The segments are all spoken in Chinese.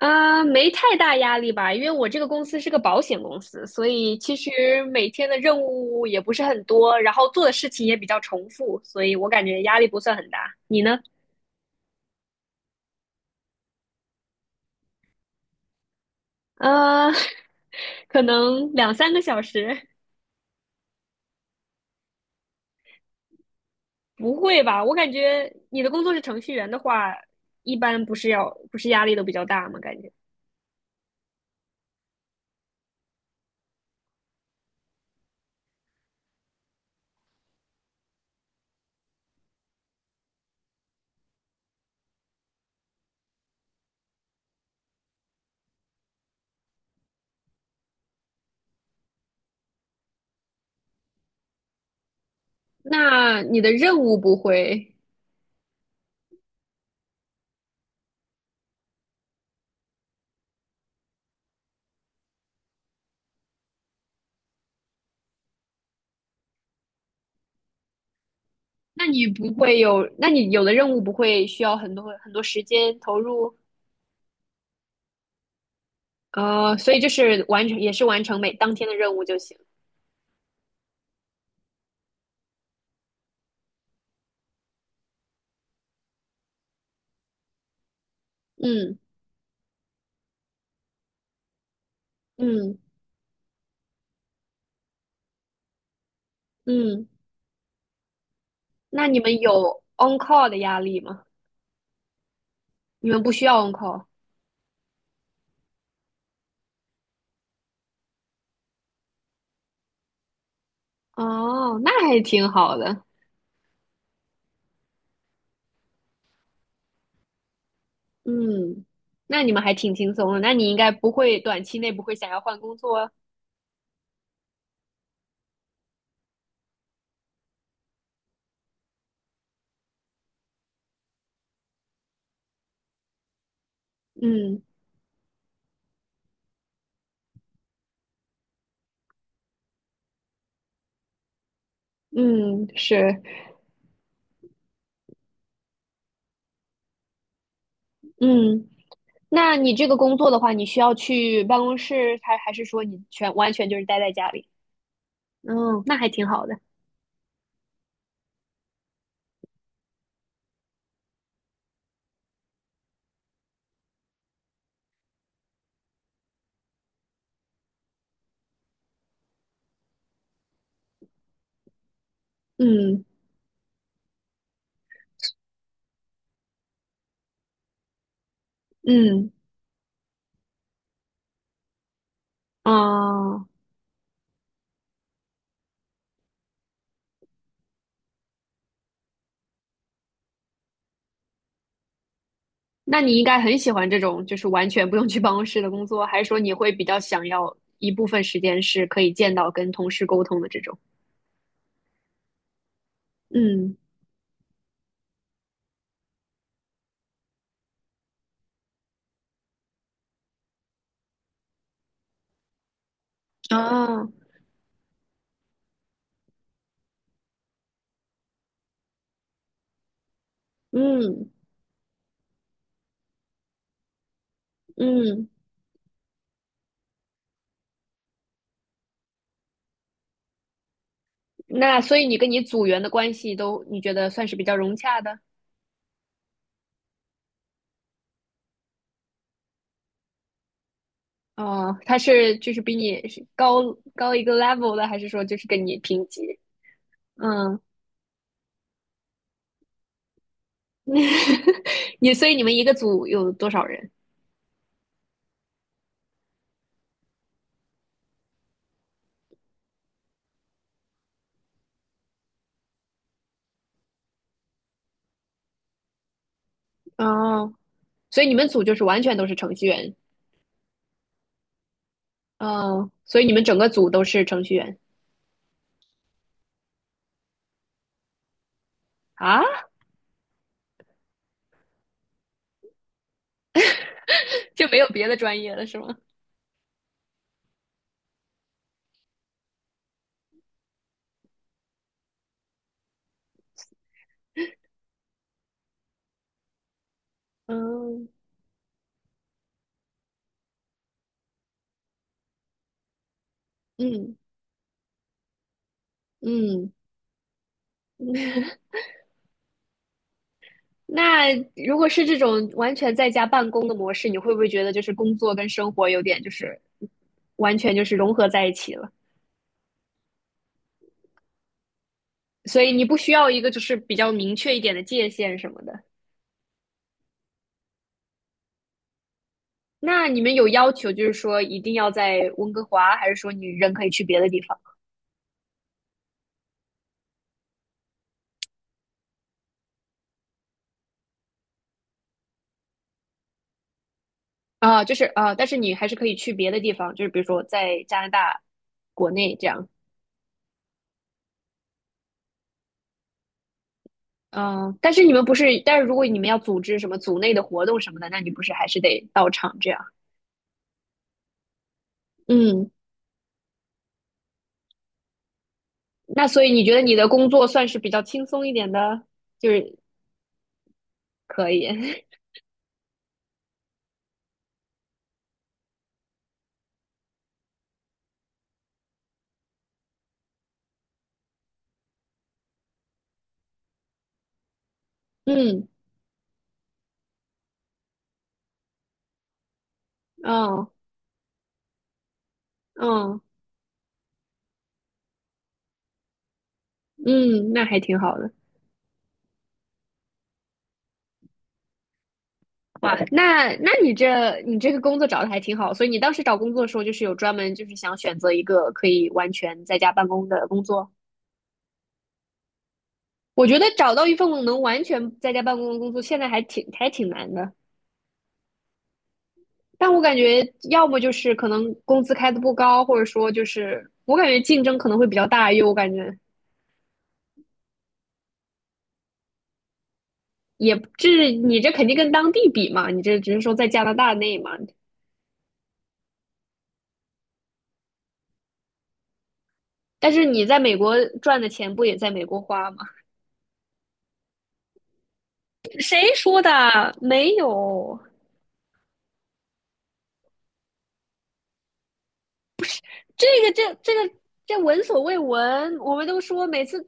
没太大压力吧，因为我这个公司是个保险公司，所以其实每天的任务也不是很多，然后做的事情也比较重复，所以我感觉压力不算很大。你呢？呃，可能两三个小时。不会吧？我感觉你的工作是程序员的话，一般不是压力都比较大吗？感觉？那你的任务不会，那你有的任务不会需要很多很多时间投入？哦，所以就是完成，也是完成每当天的任务就行。嗯嗯嗯。那你们有 on call 的压力吗？你们不需要 on call。 哦，那还挺好的。嗯，那你们还挺轻松的。那你应该不会短期内不会想要换工作啊？嗯嗯，是嗯。那你这个工作的话，你需要去办公室，还是说你完全就是待在家里？嗯，那还挺好的。嗯嗯啊。那你应该很喜欢这种就是完全不用去办公室的工作，还是说你会比较想要一部分时间是可以见到跟同事沟通的这种？嗯，啊，嗯嗯。那所以你跟你组员的关系都你觉得算是比较融洽的？哦，他是就是比你是高一个 level 的，还是说就是跟你平级？嗯。你所以你们一个组有多少人？哦，所以你们组就是完全都是程序员。哦，所以你们整个组都是程序员。啊。就没有别的专业了是吗？嗯嗯嗯。那如果是这种完全在家办公的模式，你会不会觉得就是工作跟生活有点就是完全就是融合在一起了？所以你不需要一个就是比较明确一点的界限什么的。那你们有要求就是说一定要在温哥华，还是说你人可以去别的地方？啊，就是啊，但是你还是可以去别的地方，就是比如说在加拿大国内这样。嗯，但是你们不是，但是如果你们要组织什么组内的活动什么的，那你不是还是得到场这样？嗯，那所以你觉得你的工作算是比较轻松一点的，就是可以。嗯，哦，嗯嗯，那还挺好的。哇，那你这个工作找的还挺好，所以你当时找工作的时候，就是有专门就是想选择一个可以完全在家办公的工作。我觉得找到一份能完全在家办公的工作，现在还挺难的。但我感觉，要么就是可能工资开的不高，或者说就是我感觉竞争可能会比较大，因为我感觉也这你这肯定跟当地比嘛，你这只是说在加拿大内嘛。但是你在美国赚的钱不也在美国花吗？谁说的？没有，这个这闻所未闻，我们都说每次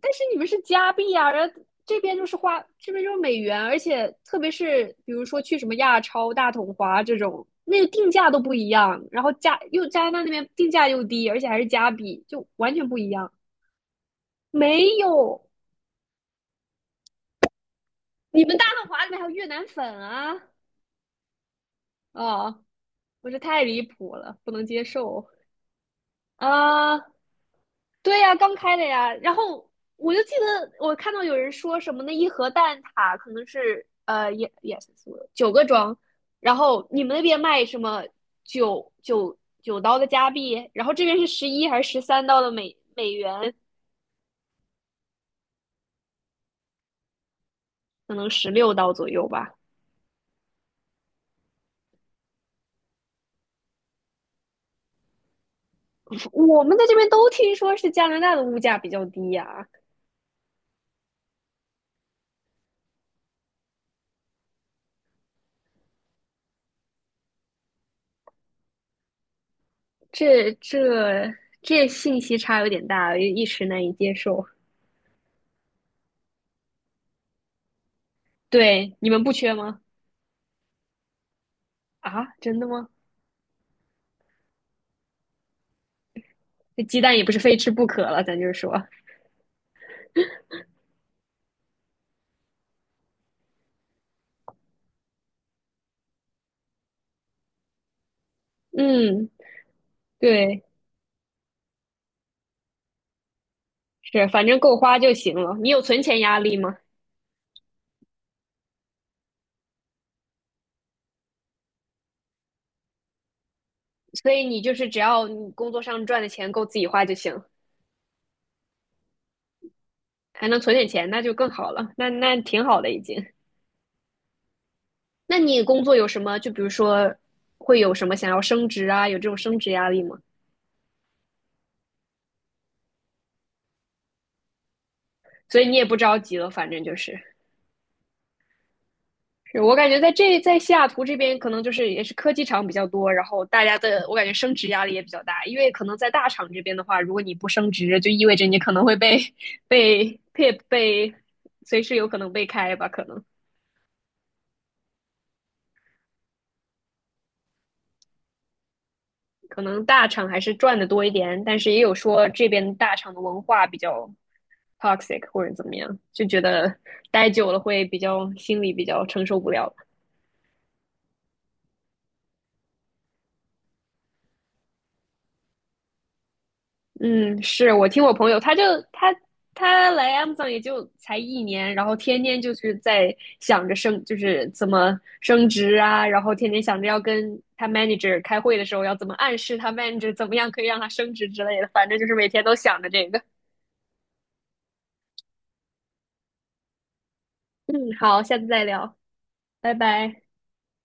但是你们是加币啊，然后这边就是花，这边就是美元，而且特别是比如说去什么亚超、大统华这种，那个定价都不一样，然后加拿大那边定价又低，而且还是加币，就完全不一样。没有，你们大统华里面还有越南粉啊！哦，我这太离谱了，不能接受啊！对呀、刚开的呀。然后我就记得我看到有人说什么那一盒蛋挞可能是也是9个装，然后你们那边卖什么九九九刀的加币，然后这边是11还是13刀的美元，可能16刀左右吧。我们在这边都听说是加拿大的物价比较低呀、这这这信息差有点大，一时难以接受。对，你们不缺吗？啊，真的吗？这鸡蛋也不是非吃不可了，咱就是说，嗯，对，是，反正够花就行了。你有存钱压力吗？所以你就是只要你工作上赚的钱够自己花就行，还能存点钱，那就更好了。那挺好的已经。那你工作有什么？就比如说，会有什么想要升职啊？有这种升职压力吗？所以你也不着急了，反正就是。是我感觉在西雅图这边，可能就是也是科技厂比较多，然后大家的我感觉升职压力也比较大，因为可能在大厂这边的话，如果你不升职，就意味着你可能会被随时有可能被开吧。可能可能大厂还是赚的多一点，但是也有说这边大厂的文化比较 toxic 或者怎么样，就觉得待久了会比较心里比较承受不了。嗯，是我听我朋友，他他来 Amazon 也就才一年，然后天天就是在想着升，就是怎么升职啊，然后天天想着要跟他 manager 开会的时候要怎么暗示他 manager 怎么样可以让他升职之类的，反正就是每天都想着这个。嗯，好，下次再聊，拜拜。